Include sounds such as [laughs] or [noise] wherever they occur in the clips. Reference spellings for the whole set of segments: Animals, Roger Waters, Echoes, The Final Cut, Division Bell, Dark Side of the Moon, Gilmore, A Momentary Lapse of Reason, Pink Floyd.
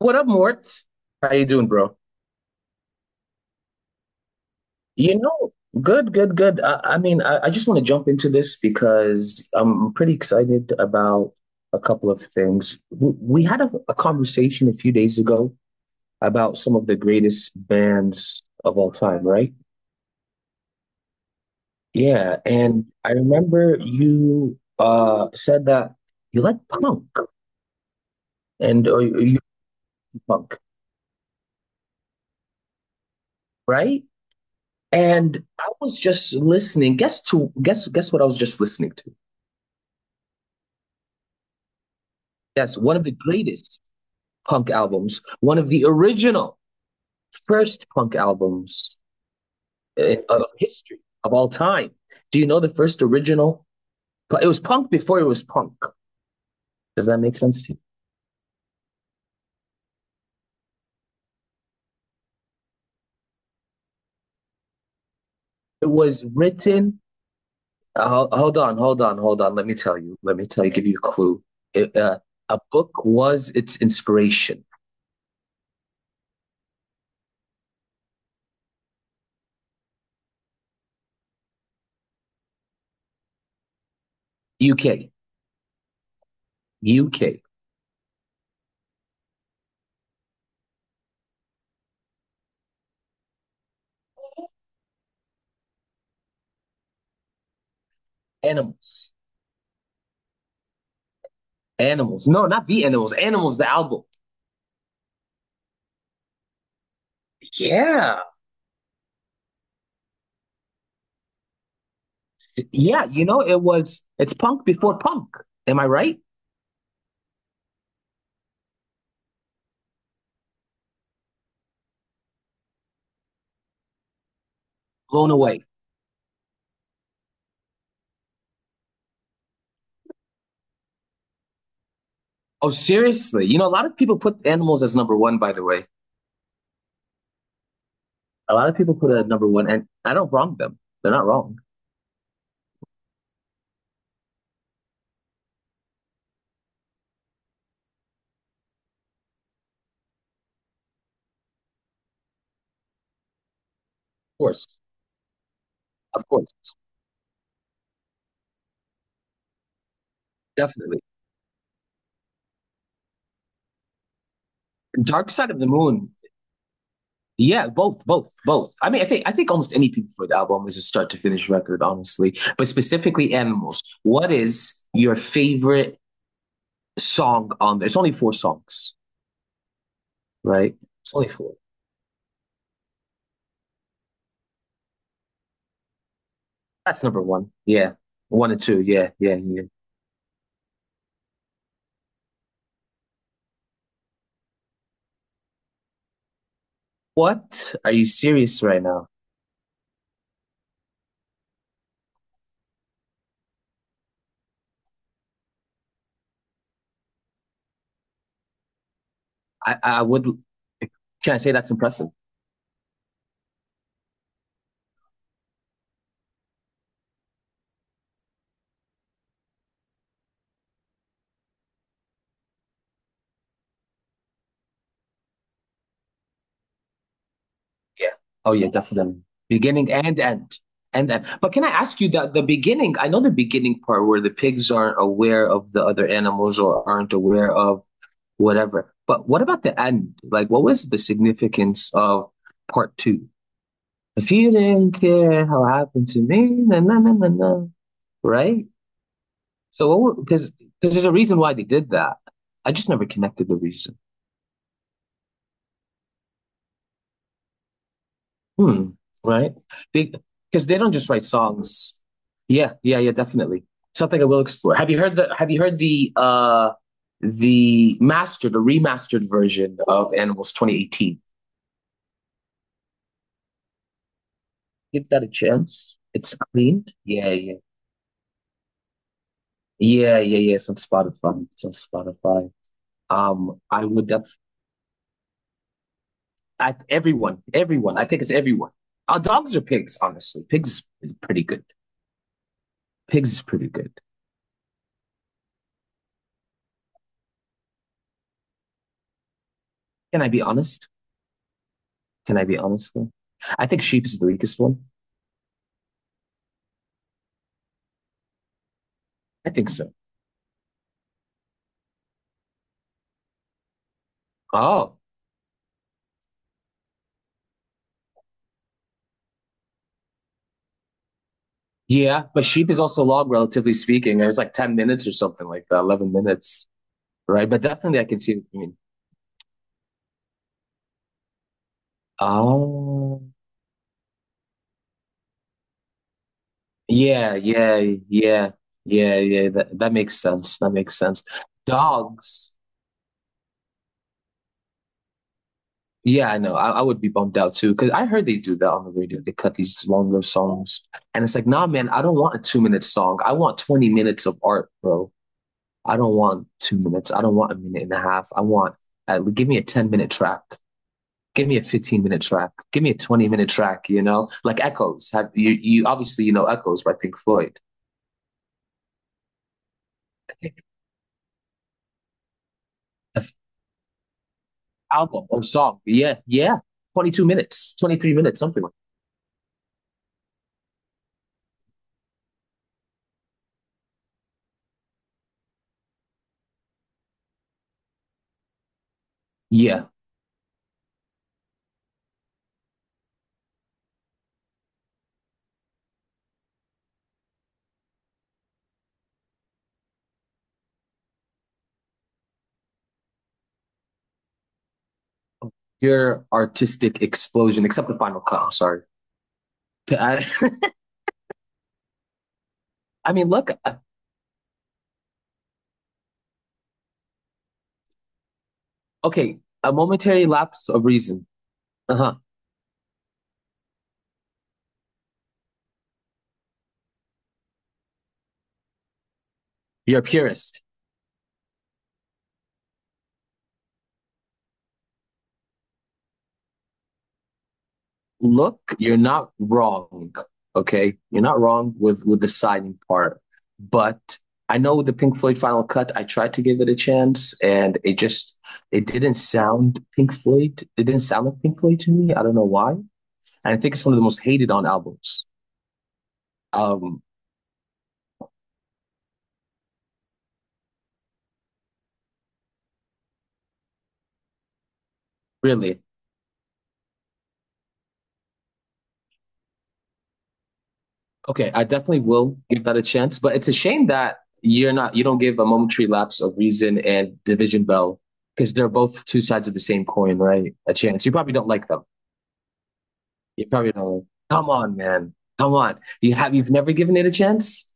What up, Mort? How you doing, bro? You know, good, good, good. I mean, I just want to jump into this because I'm pretty excited about a couple of things. We had a conversation a few days ago about some of the greatest bands of all time, right? Yeah, and I remember you said that you like punk and or you like punk, right? And I was just listening. Guess to guess what I was just listening to. Yes, one of the greatest punk albums, one of the original first punk albums of history of all time. Do you know the first original? It was punk before it was punk. Does that make sense to you? It was written. Hold on, hold on, hold on. Let me tell you. Let me tell you. Give you a clue. It a book was its inspiration. UK, UK, animals, animals. No, not the animals. Animals, the album. Yeah. Yeah, it was it's punk before punk. Am I right? Blown away. Oh, seriously. You know, a lot of people put animals as number one, by the way. A lot of people put it at number one, and I don't wrong them. They're not wrong. Of course. Of course. Definitely. Dark Side of the Moon. Yeah, both, both, both. I mean, I think almost any Pink Floyd album is a start to finish record, honestly. But specifically animals. What is your favorite song on there? It's only four songs, right? It's only four. That's number one. Yeah. One and two. Yeah. Yeah. Yeah. What? Are you serious right now? I would. Can I say that's impressive? Yeah. Oh, yeah, definitely. Beginning and end. And end. But can I ask you that the beginning? I know the beginning part where the pigs aren't aware of the other animals or aren't aware of whatever. But what about the end? Like, what was the significance of part two? If you didn't care how it happened to me, na na na na na, right? So, because there's a reason why they did that. I just never connected the reason. Hmm. Right? Because they don't just write songs. Yeah, yeah, yeah, definitely. Something I will explore. Have you heard the Have you heard the the mastered, the remastered version of Animals 2018? Give that a chance. It's cleaned. Yeah, yeah, yeah, yeah, yeah. It's on Spotify. It's on Spotify. I would. I, everyone. I think it's everyone. Our dogs are pigs? Honestly, pigs are pretty good. Pigs is pretty good. Can I be honest? Can I be honest? Though? I think sheep is the weakest one. I think so. Oh, yeah, but sheep is also long, relatively speaking. It was like 10 minutes or something like that, 11 minutes, right? But definitely, I can see what you mean. Oh, yeah, yeah, yeah, yeah, yeah. That makes sense. That makes sense. Dogs. Yeah, I know. I would be bummed out too because I heard they do that on the radio. They cut these longer songs, and it's like, nah, man, I don't want a two-minute song. I want 20 minutes of art, bro. I don't want 2 minutes. I don't want a minute and a half. I want give me a 10 minute track. Give me a 15 minute track. Give me a 20 minute track. You know, like Echoes. Have you? You obviously you know Echoes by Pink Floyd album or song. Yeah, yeah. 22 minutes, 23 minutes, something like that. Yeah, your artistic explosion, except the final cut. I'm sorry. I, [laughs] I mean, look. Okay, a momentary lapse of reason. Uh huh. You're a purist. Look, you're not wrong. Okay, you're not wrong with the signing part, but I know the Pink Floyd final cut. I tried to give it a chance, and it just it didn't sound Pink Floyd. It didn't sound like Pink Floyd to me. I don't know why. And I think it's one of the most hated on albums. Um, really. Okay, I definitely will give that a chance. But it's a shame that you're not you don't give a momentary lapse of Reason and Division Bell because they're both two sides of the same coin, right? A chance. You probably don't like them. You're probably going, come on, man. Come on. You have you've never given it a chance?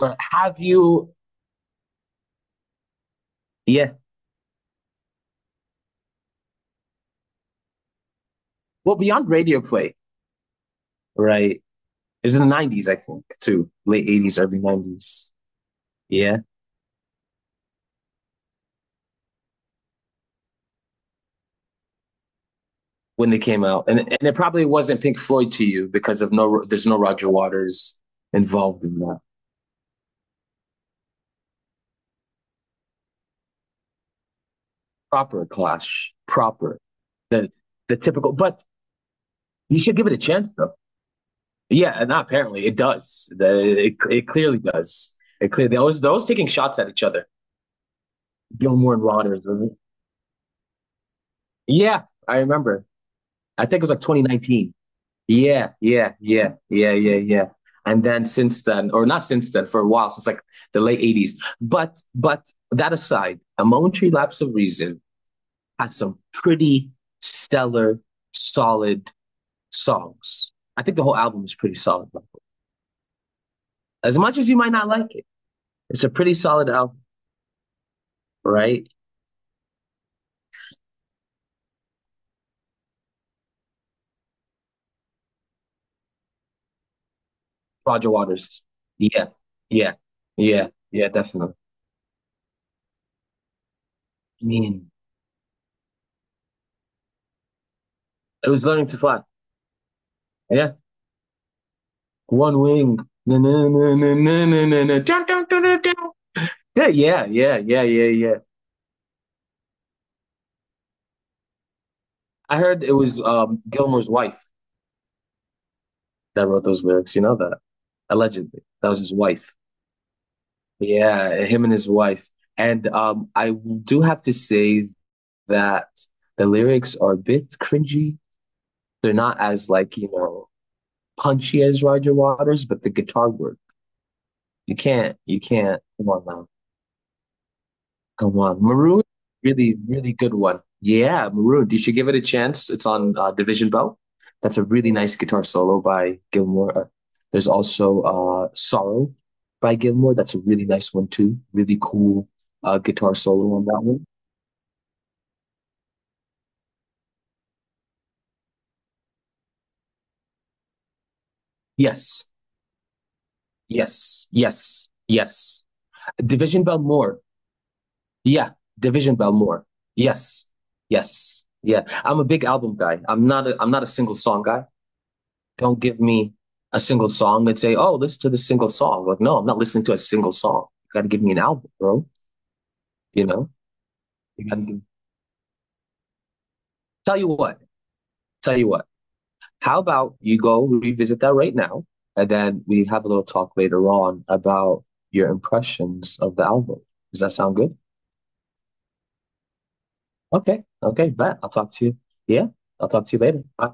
Or have you yeah. Well, beyond radio play, right? It was in the 90s, I think, too. late 80s, early 90s. Yeah. When they came out. And it probably wasn't Pink Floyd to you because of no there's no Roger Waters involved in that. Proper clash. Proper. The the typical but you should give it a chance though. Yeah, and apparently it does. It, it clearly does. It clearly they're always taking shots at each other. Gilmore and Rogers. Was it? Yeah, I remember. I think it was like 2019. Yeah, yeah, yeah, yeah, yeah, yeah. And then since then, or not since then, for a while, since like the late 80s. But that aside, a momentary lapse of reason has some pretty stellar, solid songs. I think the whole album is pretty solid. As much as you might not like it, it's a pretty solid album, right? Roger Waters. Yeah, yeah, yeah, yeah, definitely. I mean, it was learning to fly. Yeah. One wing. Na, na, na, na, na, na, na, na. Dun, dun, dun, dun, yeah, yeah, yeah, yeah, yeah, yeah. I heard it was Gilmore's wife that wrote those lyrics. You know that? Allegedly. That was his wife. Yeah, him and his wife. And I do have to say that the lyrics are a bit cringy. They're not as like, you know, punchy as Roger Waters, but the guitar work. You can't, come on now. Come on. Maroon, really, really good one. Yeah, Maroon. You should give it a chance. It's on Division Bell. That's a really nice guitar solo by Gilmore. There's also Sorrow by Gilmore. That's a really nice one too. Really cool guitar solo on that one. Yes, yes, yes, yes. Division Bell more. Yeah, Division Bell more. Yes, yes, yeah. I'm a big album guy. I'm not a single song guy. Don't give me a single song and say, oh, listen to this single song. Like, no, I'm not listening to a single song. You got to give me an album, bro. You know, you got to give... tell you what, tell you what. How about you go revisit that right now? And then we have a little talk later on about your impressions of the album. Does that sound good? Okay. Okay. Bet. I'll talk to you. Yeah. I'll talk to you later. Bye.